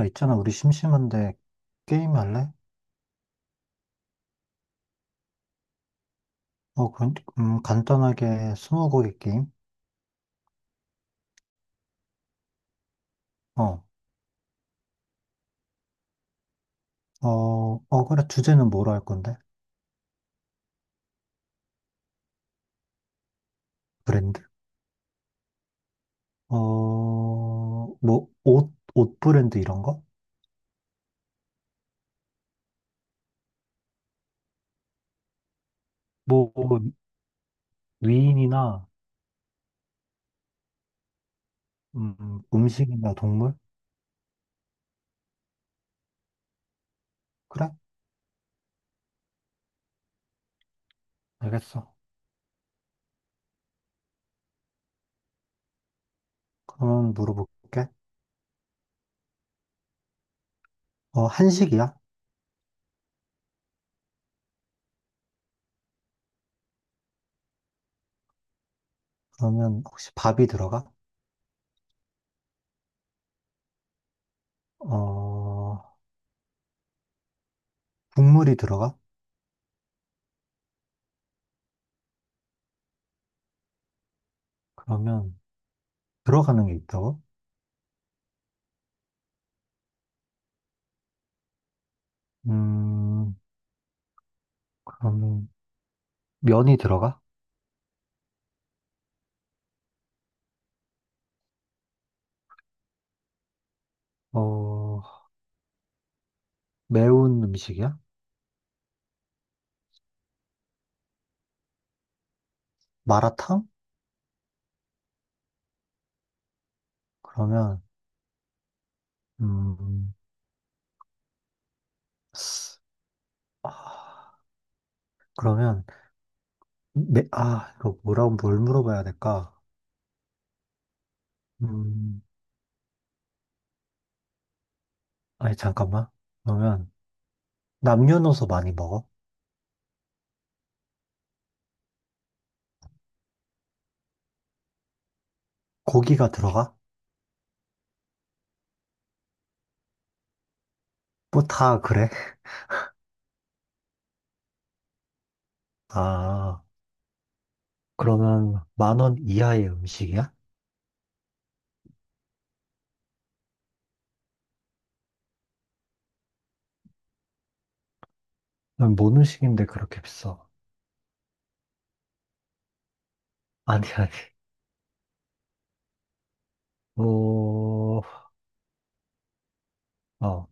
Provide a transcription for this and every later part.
야, 있잖아, 우리 심심한데 게임 할래? 어, 그, 간단하게 스무고개 게임? 어, 그래, 주제는 뭐로 할 건데? 브랜드? 뭐, 옷 브랜드 이런 거? 뭐, 위인이나, 음식이나 동물? 그래? 알겠어. 그러면 물어볼게. 한식이야? 그러면 혹시 밥이 들어가? 어, 국물이 들어가? 그러면 들어가는 게 있다고? 음, 그러면 면이 들어가? 어, 매운 음식이야? 마라탕? 그러면, 음, 아, 그러면, 이거 뭐라고, 뭘 물어봐야 될까? 음, 아니, 잠깐만. 그러면, 남녀노소 많이 먹어? 고기가 들어가? 뭐 다 그래? 아, 그러면, 10,000원 이하의 음식이야? 그럼 뭔 음식인데 그렇게 비싸? 아니, 아니. 어, 어,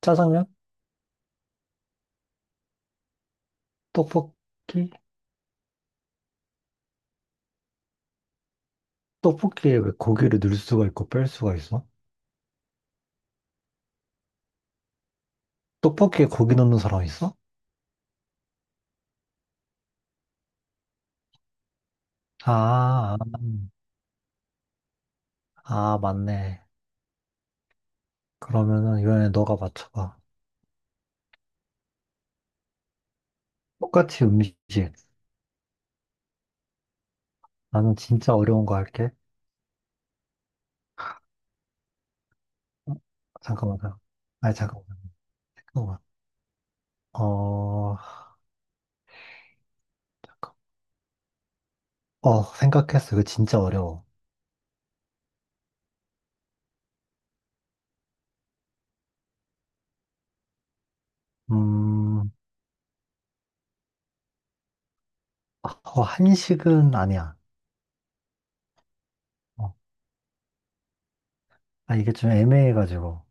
짜장면? 떡볶이? 떡볶이에 왜 고기를 넣을 수가 있고 뺄 수가 있어? 떡볶이에 고기 넣는 사람 있어? 아, 아, 맞네. 그러면은 이번에 너가 맞춰봐. 똑같이 음식. 나는 진짜 어려운 거 할게. 어, 잠깐만. 잠깐만. 잠깐만. 어, 잠깐. 생각했어. 이거 진짜 어려워. 음, 한식은 아니야. 어, 이게 좀 애매해가지고.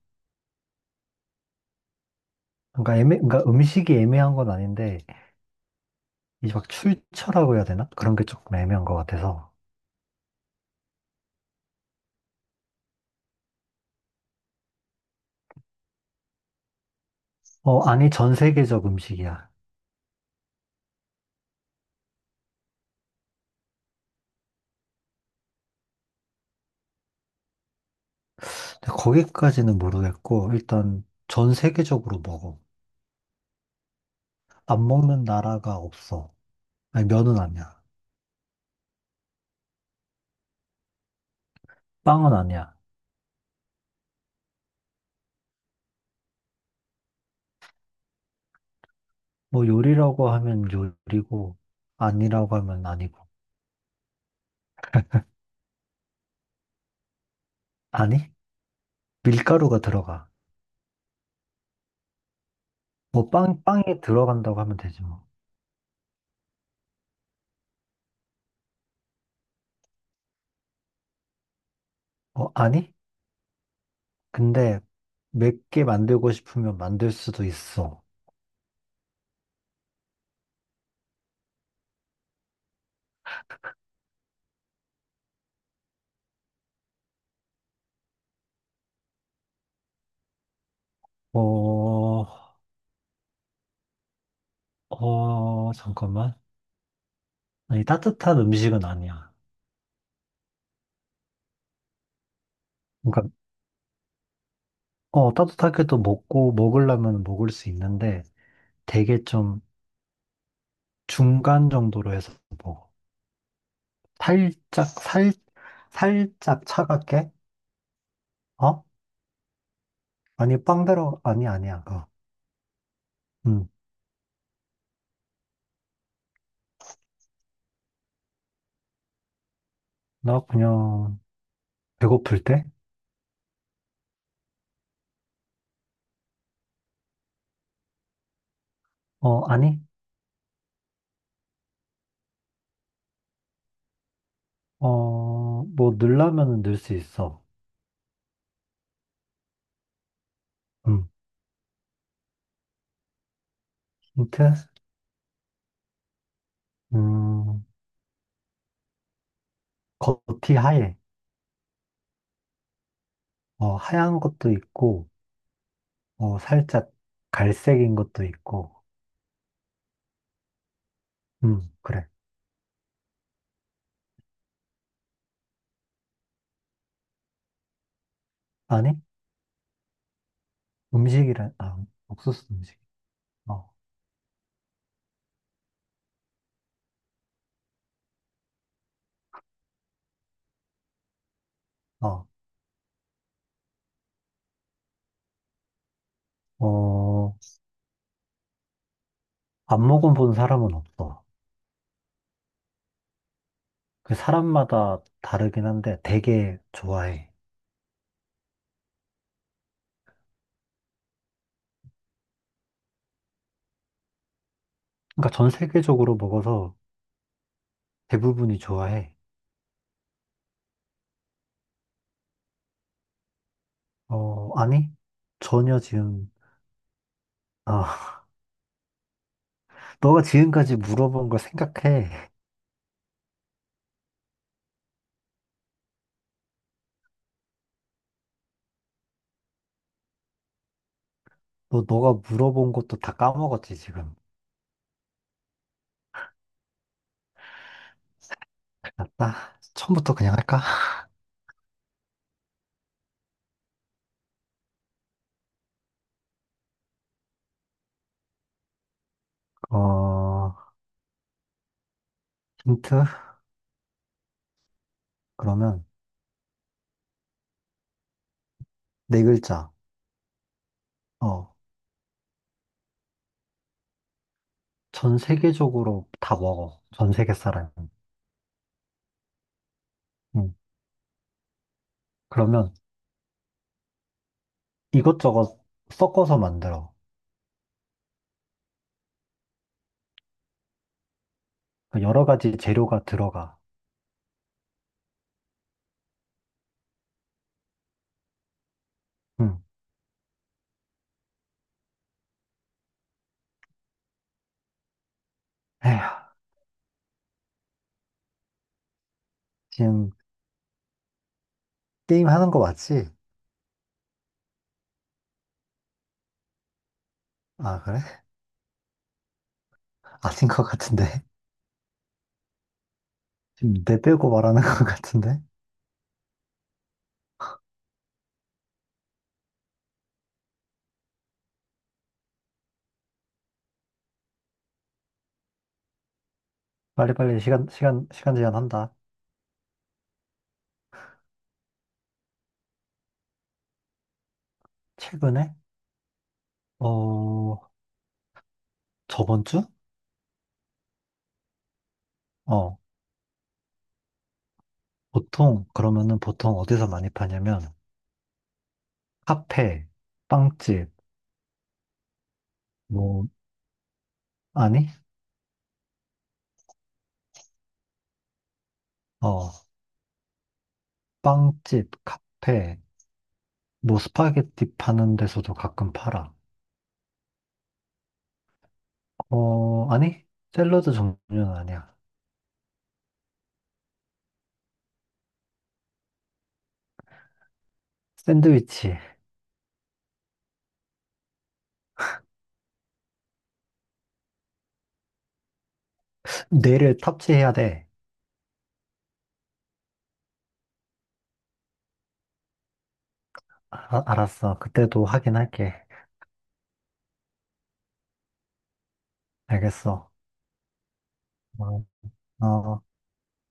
그러니까 음식이 애매한 건 아닌데, 이제 막 출처라고 해야 되나? 그런 게 조금 애매한 것 같아서. 아니, 전 세계적 음식이야. 근데 거기까지는 모르겠고, 일단 전 세계적으로 먹어. 안 먹는 나라가 없어. 아니, 면은 아니야. 빵은 아니야. 뭐 요리라고 하면 요리고, 아니라고 하면 아니고. 아니? 밀가루가 들어가. 뭐 빵이 들어간다고 하면 되지 뭐. 아니? 근데 맵게 만들고 싶으면 만들 수도 있어. 어, 잠깐만. 아니, 따뜻한 음식은 아니야. 그러니까, 따뜻하게도 먹고, 먹으려면 먹을 수 있는데, 되게 좀 중간 정도로 해서 먹어. 살짝, 살, 살짝 차갑게? 어? 아니, 빵대로, 아니, 아니야, 그거. 응. 나 그냥, 배고플 때? 아니? 뭐, 넣으려면은 넣을 수 있어. 음, 힌트? 음, 겉이 하얘. 하얀 것도 있고, 살짝 갈색인 것도 있고, 그래. 아니? 음식이란, 옥수수 음식. 어, 어, 어. 안 먹어본 사람은 없어. 그 사람마다 다르긴 한데 되게 좋아해. 그러니까 전 세계적으로 먹어서 대부분이 좋아해. 아니? 전혀 지금, 아, 너가 지금까지 물어본 걸 생각해. 너가 물어본 것도 다 까먹었지, 지금. 맞다. 처음부터 그냥 할까? 어, 힌트? 그러면 네 글자. 어, 전 세계적으로 다 먹어. 전 세계 사람. 응. 그러면 이것저것 섞어서 만들어. 그 여러 가지 재료가 들어가. 응. 에휴, 지금 게임 하는 거 맞지? 아, 그래? 아닌 것 같은데. 지금 내빼고 말하는 것 같은데. 빨리빨리 시간, 시간, 시간 제한한다. 최근에? 어, 저번 주? 어, 보통, 그러면은 보통 어디서 많이 파냐면, 카페, 빵집, 뭐, 아니? 어, 빵집, 카페, 뭐, 스파게티 파는 데서도 가끔 팔아. 아니? 샐러드 종류는 아니야. 샌드위치. 뇌를 탑재해야 돼. 아, 알았어. 그때도 하긴 할게. 알겠어. 어, 어.